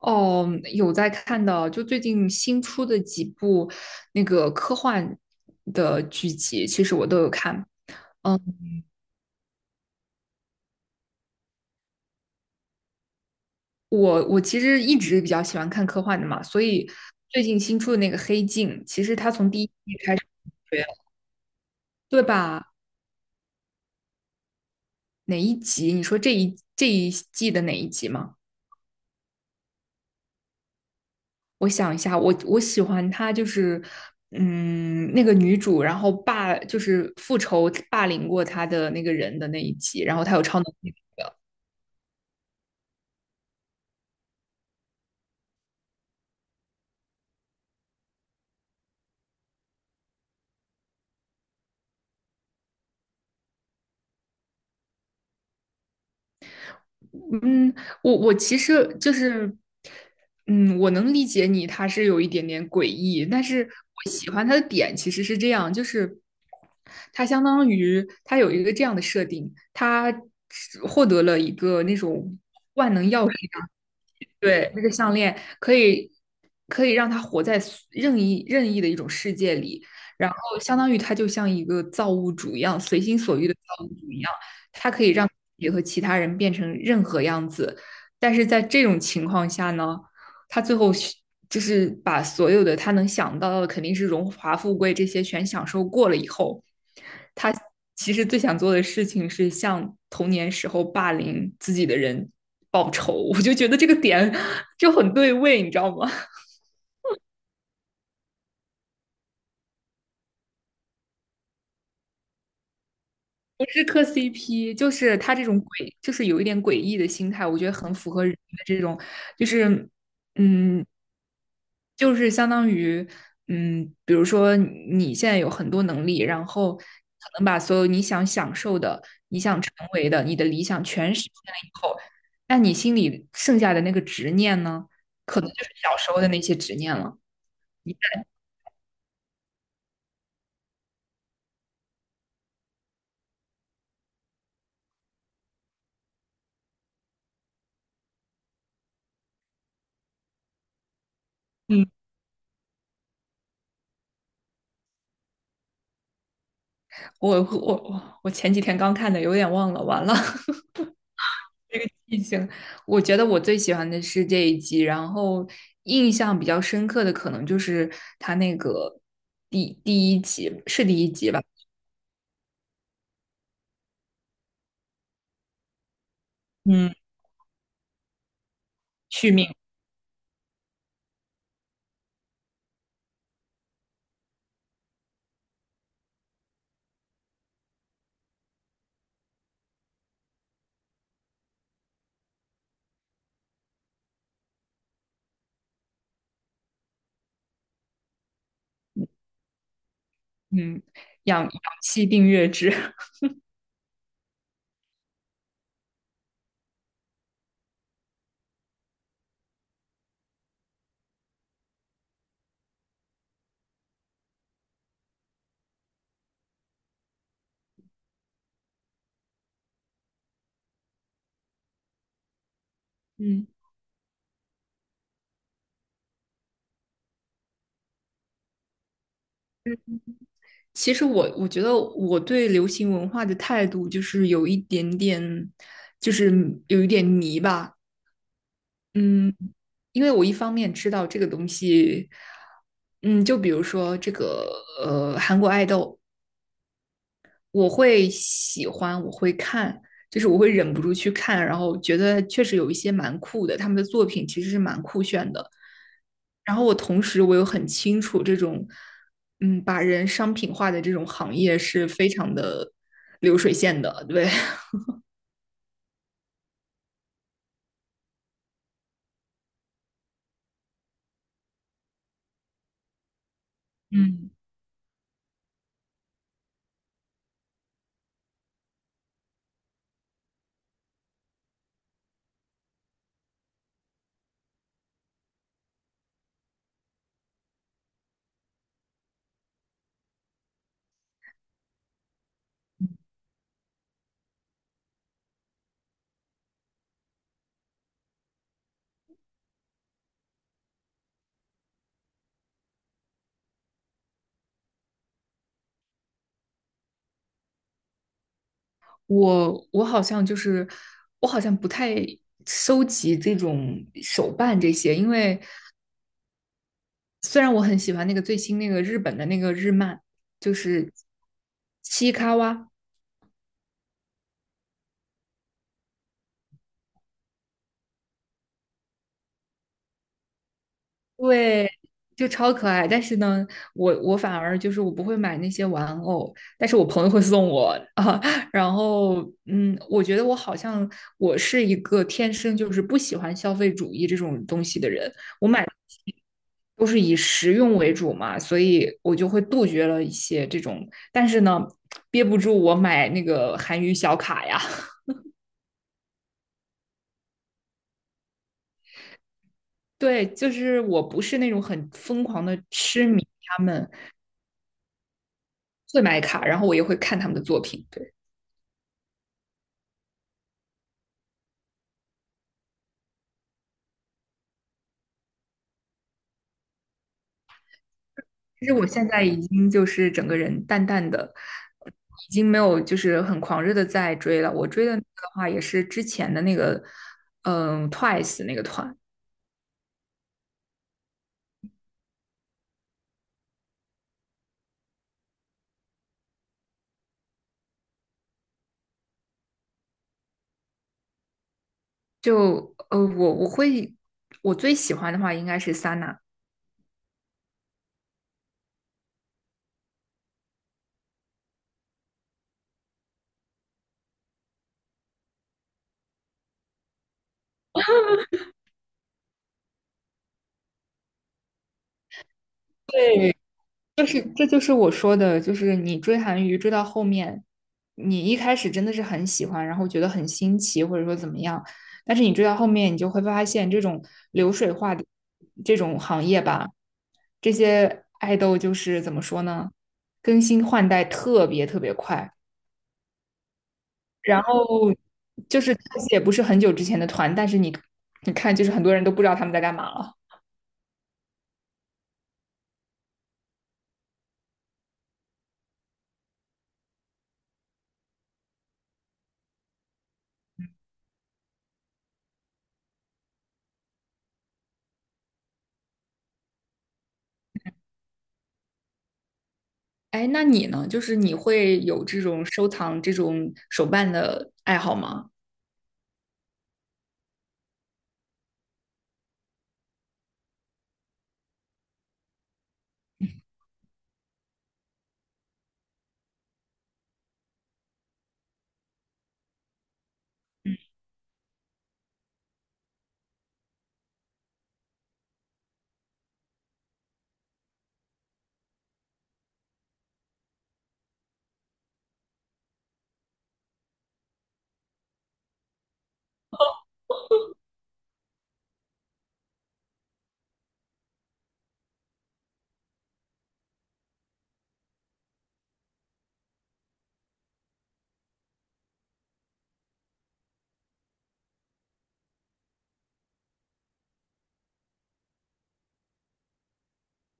哦，有在看的，就最近新出的几部那个科幻的剧集，其实我都有看。嗯，我其实一直比较喜欢看科幻的嘛，所以最近新出的那个《黑镜》，其实它从第一季开始，对吧？哪一集？你说这一季的哪一集吗？我想一下，我喜欢她就是，那个女主，然后霸就是复仇霸凌过她的那个人的那一集，然后她有超能力。嗯，我其实就是，嗯，我能理解你，他是有一点点诡异，但是我喜欢他的点其实是这样，就是他相当于他有一个这样的设定，他获得了一个那种对，那个项链可以让他活在任意的一种世界里，然后相当于他就像一个造物主一样，随心所欲的造物主一样，他可以让自己和其他人变成任何样子。但是在这种情况下呢，他最后就是把所有的他能想到的，肯定是荣华富贵这些全享受过了以后，他其实最想做的事情是向童年时候霸凌自己的人报仇，我就觉得这个点就很对位，你知道吗？不是磕 CP,就是他这种诡，就是有一点诡异的心态，我觉得很符合人的这种，就是嗯，就是相当于，嗯，比如说你现在有很多能力，然后可能把所有你想享受的、你想成为的、你的理想全实现了以后，那你心里剩下的那个执念呢，可能就是小时候的那些执念了。你嗯，我前几天刚看的，有点忘了，完了，已经。我觉得我最喜欢的是这一集，然后印象比较深刻的可能就是他那个第一集，是第一集吧？嗯。续命，嗯，氧气订阅制，嗯。其实我觉得我对流行文化的态度就是有一点点，就是有一点迷吧，嗯，因为我一方面知道这个东西，嗯，就比如说这个韩国爱豆，我会喜欢，我会看，就是我会忍不住去看，然后觉得确实有一些蛮酷的，他们的作品其实是蛮酷炫的。然后我同时我又很清楚这种，嗯，把人商品化的这种行业是非常的流水线的，对，嗯 我好像就是我好像不太收集这种手办这些，因为虽然我很喜欢那个最新那个日本的那个日漫，就是七卡哇，对，就超可爱。但是呢，我反而就是我不会买那些玩偶，但是我朋友会送我啊。然后，嗯，我觉得我好像我是一个天生就是不喜欢消费主义这种东西的人，都是以实用为主嘛，所以我就会杜绝了一些这种。但是呢，憋不住我买那个韩娱小卡呀。对，就是我不是那种很疯狂的痴迷他们会买卡，然后我也会看他们的作品。对，其实我现在已经就是整个人淡淡的，已经没有就是很狂热的在追了。我追的那个的话，也是之前的那个，嗯，Twice 那个团。就我会我最喜欢的话应该是 Sana。对，就是这就是我说的，就是你追韩娱追到后面，你一开始真的是很喜欢，然后觉得很新奇，或者说怎么样，但是你追到后面，你就会发现这种流水化的这种行业吧，这些爱豆就是怎么说呢，更新换代特别快，然后就是看且也不是很久之前的团，但是你你看，就是很多人都不知道他们在干嘛了。哎，那你呢？就是你会有这种收藏这种手办的爱好吗？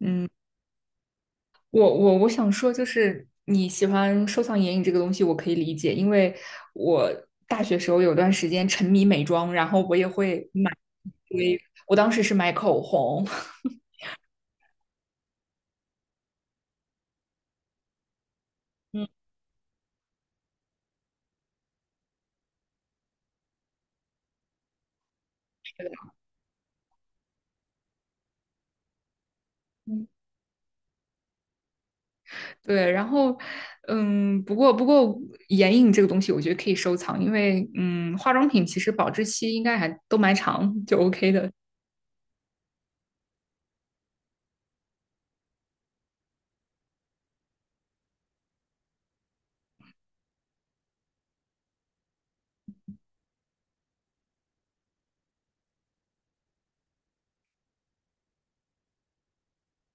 嗯，我想说，就是你喜欢收藏眼影这个东西，我可以理解，因为我大学时候有段时间沉迷美妆，然后我也会买一堆，我当时是买口红，嗯是的嗯 对，然后嗯，不过眼影这个东西，我觉得可以收藏，因为嗯，化妆品其实保质期应该还都蛮长，就 OK 的。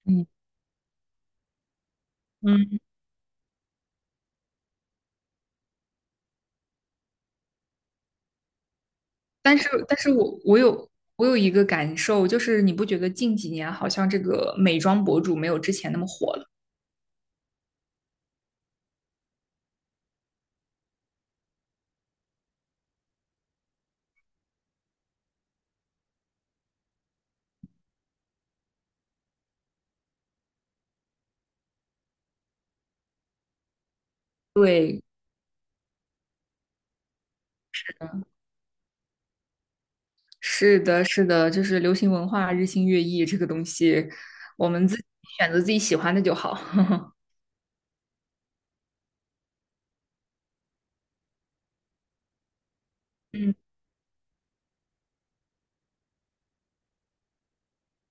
嗯嗯但是，但是我有我有一个感受，就是你不觉得近几年好像这个美妆博主没有之前那么火了？对，是的，是的，就是流行文化日新月异这个东西，我们自己选择自己喜欢的就好。嗯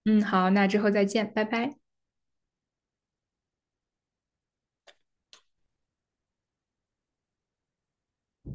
嗯，好，那之后再见，拜拜。